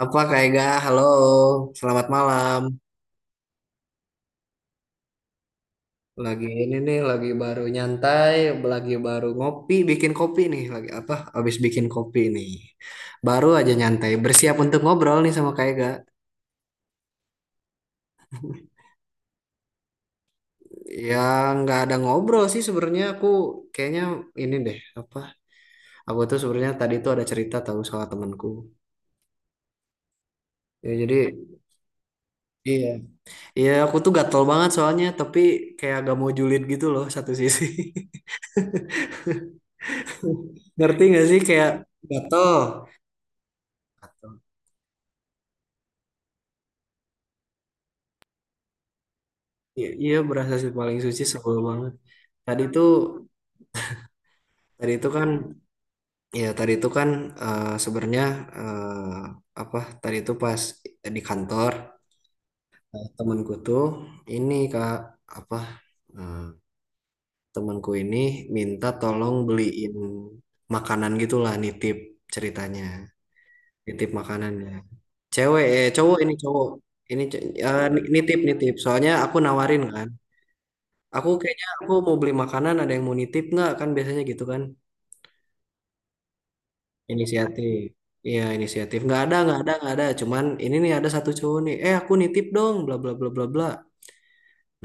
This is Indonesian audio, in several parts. Apa kayak gak? Halo, selamat malam. Lagi ini nih, lagi baru nyantai, lagi baru ngopi, bikin kopi nih. Lagi apa? Habis bikin kopi nih. Baru aja nyantai, bersiap untuk ngobrol nih sama kayak gak. Ya nggak ada ngobrol sih sebenarnya aku kayaknya ini deh apa? Aku tuh sebenarnya tadi tuh ada cerita tahu soal temanku. Ya jadi iya. Iya, aku tuh gatel banget soalnya, tapi kayak agak mau julid gitu loh satu sisi. Ngerti gak sih kayak gatel? Iya, iya, berasa sih paling suci sebel banget. Tadi tuh, tadi itu kan, ya tadi itu kan sebenarnya eh, apa? Tadi itu pas di kantor temanku tuh ini kak apa? eh, Temanku ini minta tolong beliin makanan gitulah, nitip ceritanya, nitip makanannya. Cowok ini ini ce- eh, nitip nitip. Soalnya aku nawarin kan. Aku kayaknya aku mau beli makanan, ada yang mau nitip nggak? Kan biasanya gitu kan. Inisiatif. Iya, inisiatif. Nggak ada, nggak ada, nggak ada. Cuman ini nih ada satu cowok nih. Eh, aku nitip dong, bla bla bla bla bla.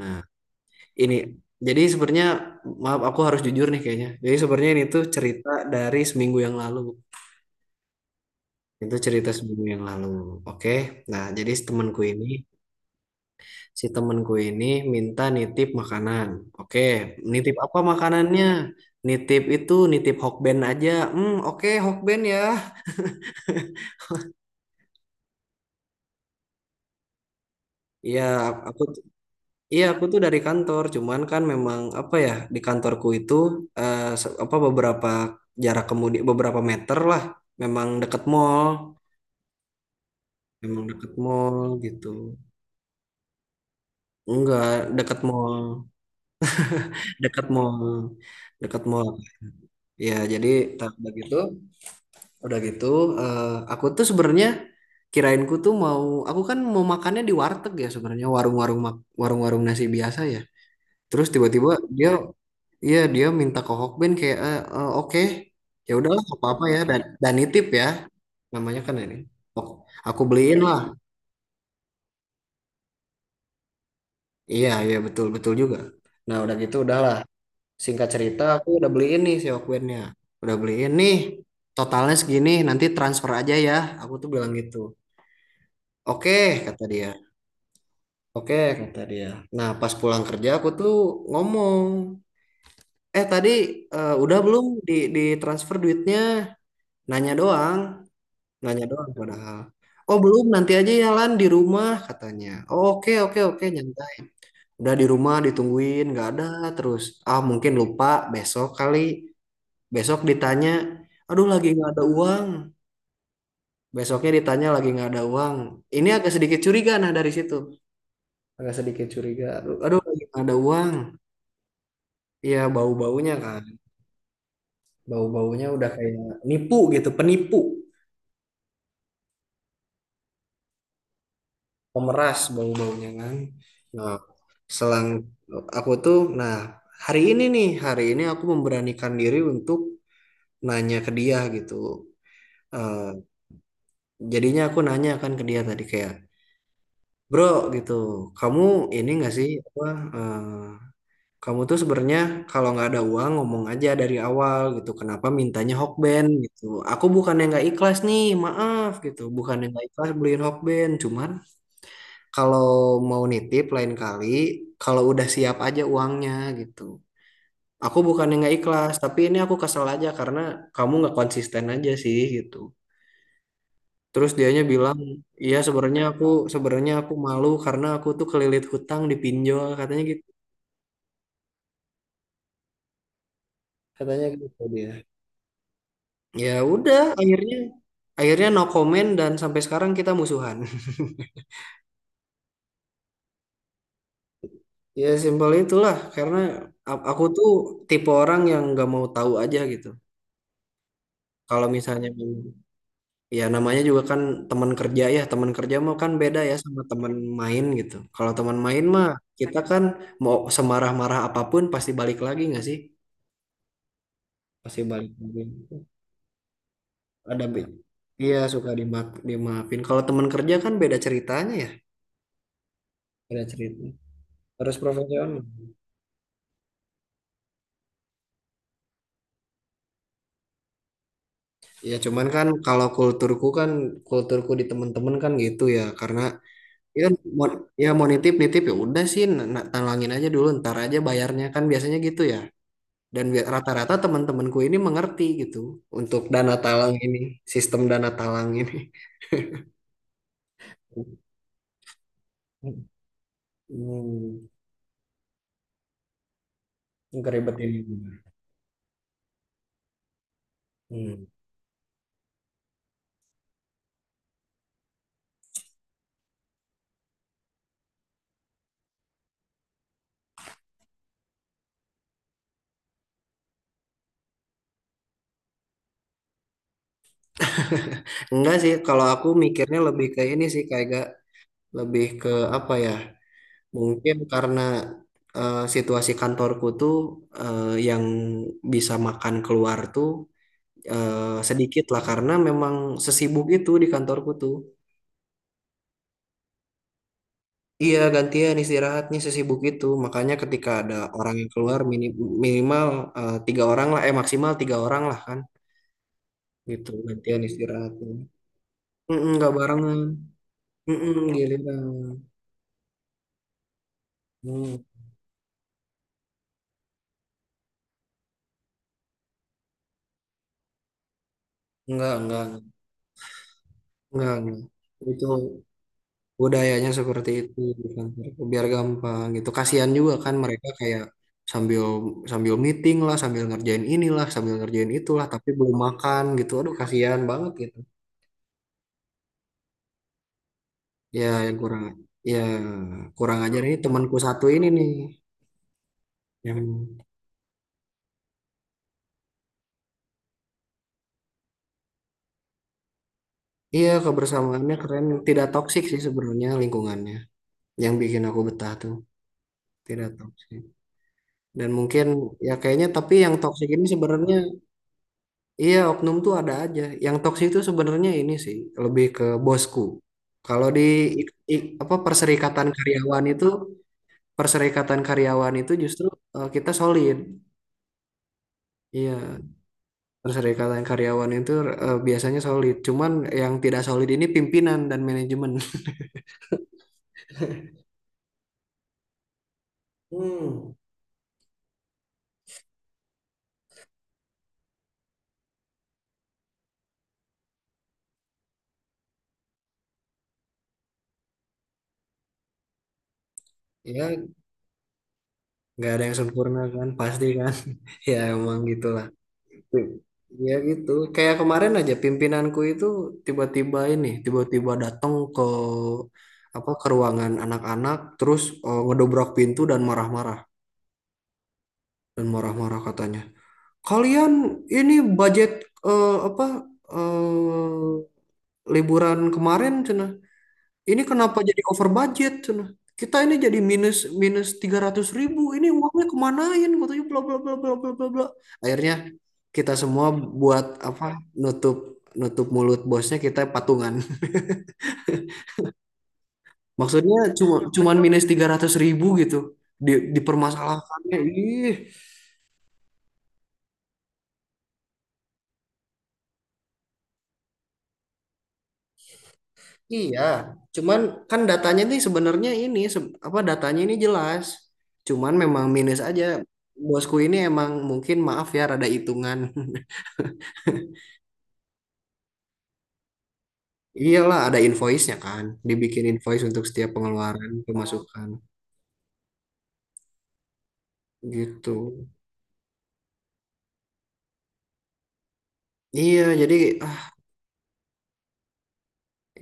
Nah, ini jadi sebenarnya maaf aku harus jujur nih kayaknya. Jadi sebenarnya ini tuh cerita dari seminggu yang lalu. Itu cerita seminggu yang lalu. Oke. Nah, jadi temanku ini si temenku ini minta nitip makanan. Oke, nitip apa makanannya? Nitip itu, nitip Hokben aja. Hmm, oke Hokben ya. Iya, aku iya aku tuh dari kantor, cuman kan memang apa ya di kantorku itu eh, se- apa beberapa jarak kemudian beberapa meter lah, memang deket mall, memang deket mall gitu. Enggak, deket mall, deket mall, deket mall. Ya, jadi tak begitu. Udah gitu, eh, aku tuh sebenarnya kirainku tuh mau, aku kan mau makannya di warteg ya sebenarnya warung-warung nasi biasa ya. Terus tiba-tiba dia, iya dia minta ke Hokben kayak, oke, ya udahlah nggak apa-apa ya dan nitip ya, namanya kan ini. Hok- Aku beliin lah. Iya iya betul betul juga. Nah udah gitu udahlah. Singkat cerita aku udah beliin nih si Hokbennya. Udah beliin nih. Totalnya segini, nanti transfer aja ya. Aku tuh bilang gitu. Oke, kata dia. Oke, kata dia. Nah, pas pulang kerja aku tuh ngomong, tadi, udah belum di transfer duitnya? Nanya doang, nanya doang padahal. Oh belum, nanti aja ya Lan di rumah katanya. Oh, oke oke oke nyantai. Udah di rumah ditungguin nggak ada terus. Ah mungkin lupa besok kali. Besok ditanya, aduh lagi nggak ada uang. Besoknya ditanya lagi nggak ada uang. Ini agak sedikit curiga nah dari situ. Agak sedikit curiga. Aduh, aduh lagi nggak ada uang. Iya bau-baunya kan, bau-baunya udah kayak nipu gitu, penipu, pemeras bau-baunya kan. Nah, selang aku tuh, nah hari ini aku memberanikan diri untuk nanya ke dia gitu. Eh, jadinya aku nanya kan ke dia tadi kayak, bro gitu, kamu ini nggak sih apa eh, kamu tuh sebenarnya kalau nggak ada uang ngomong aja dari awal gitu. Kenapa mintanya Hokben gitu? Aku bukannya nggak ikhlas nih, maaf gitu. Bukannya nggak ikhlas beliin Hokben, cuman kalau mau nitip lain kali kalau udah siap aja uangnya gitu. Aku bukannya nggak ikhlas, tapi ini aku kesel aja karena kamu nggak konsisten aja sih gitu. Terus dianya bilang, iya sebenarnya aku malu karena aku tuh kelilit hutang di pinjol katanya gitu. Katanya gitu dia. Ya udah, akhirnya akhirnya no comment dan sampai sekarang kita musuhan. Ya simpel itulah, karena aku tuh tipe orang yang nggak mau tahu aja gitu. Kalau misalnya ya namanya juga kan teman kerja ya, teman kerja mah kan beda ya sama teman main gitu. Kalau teman main mah kita kan mau semarah-marah apapun pasti balik lagi nggak sih? Pasti balik lagi. Ada be- Iya suka dimaafin. Kalau teman kerja kan beda ceritanya ya, beda cerita. Harus profesional. Ya cuman kan kalau kulturku di temen-temen kan gitu ya karena ya kan mau, ya mau nitip nitip ya udah sih talangin aja dulu ntar aja bayarnya kan biasanya gitu ya dan rata-rata temen-temenku ini mengerti gitu untuk dana talang ini sistem dana talang ini hmm, keribetin hmm. Enggak sih kalau aku mikirnya lebih ke ini sih kayak gak lebih ke apa ya mungkin karena situasi kantorku tuh yang bisa makan keluar tuh eh, sedikit lah karena memang sesibuk itu di kantorku tuh. Iya gantian istirahatnya sesibuk itu makanya ketika ada orang yang keluar minimal tiga orang lah maksimal tiga orang lah kan gitu gantian istirahatnya. Mm-mm, nggak barengan. Mm-mm, giliran. Hmm, enggak, enggak, enggak. Itu budayanya seperti itu di kantorku, biar gampang gitu kasihan juga kan mereka kayak sambil sambil meeting lah sambil ngerjain inilah sambil ngerjain itulah tapi belum makan gitu aduh kasihan banget gitu ya yang kurang ya kurang ajar ini temanku satu ini nih yang iya kebersamaannya keren tidak toksik sih sebenarnya lingkungannya yang bikin aku betah tuh tidak toksik dan mungkin ya kayaknya tapi yang toksik ini sebenarnya. Iya, oknum tuh ada aja. Yang toksik itu sebenarnya ini sih lebih ke bosku. Kalau di ik- ik- apa perserikatan karyawan itu justru kita solid. Iya, perserikatan karyawan itu biasanya solid. Cuman yang tidak solid ini pimpinan dan manajemen. Hmm. Ya, nggak ada yang sempurna kan, pasti kan. Ya emang gitu. Ya gitu. Kayak kemarin aja pimpinanku itu tiba-tiba datang ke ke ruangan anak-anak, terus ngedobrak pintu dan marah-marah katanya. Kalian ini budget eh, apa eh, liburan kemarin ini kenapa jadi over budget? Cenah. Kita ini jadi minus minus 300 ribu. Ini uangnya kemanain? Katanya bla bla bla bla bla bla bla. Akhirnya kita semua buat apa? Nutup nutup mulut bosnya kita patungan. Maksudnya cuman minus 300 ribu gitu. Dipermasalahkannya. Ih, iya. Cuman kan datanya nih sebenarnya ini se- apa datanya ini jelas. Cuman memang minus aja. Bosku ini emang mungkin maaf ya rada hitungan. Iyalah ada invoice-nya kan, dibikin invoice untuk setiap pengeluaran, oh, pemasukan gitu. Iya, jadi ah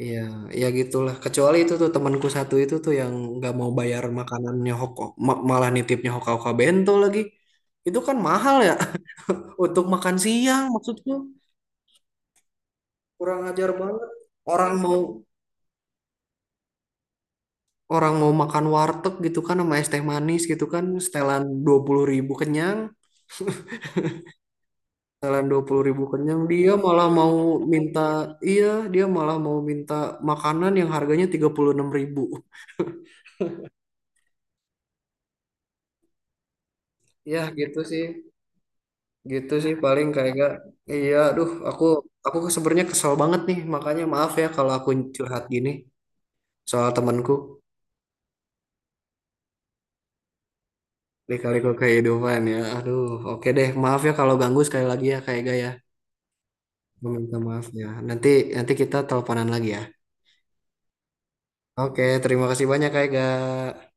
iya, ya gitulah. Kecuali itu tuh temanku satu itu tuh yang nggak mau bayar makanannya malah nitipnya Hoka-Hoka Bento lagi. Itu kan mahal ya untuk makan siang maksudku. Kurang ajar banget. Orang mau orang mau makan warteg gitu kan sama es teh manis gitu kan setelan 20 ribu kenyang. Sekalian 20 ribu kenyang, minta, iya, dia malah mau minta makanan yang harganya 36 ribu. Ya gitu sih paling kayak gak. Iya, aduh, aku sebenarnya kesel banget nih, makanya maaf ya kalau aku curhat gini soal temanku lika-liku kehidupan ya. Aduh, oke deh, maaf ya kalau ganggu sekali lagi ya kayak gak ya. Meminta maaf ya. Nanti nanti kita teleponan lagi ya. Oke, terima kasih banyak kayak gak.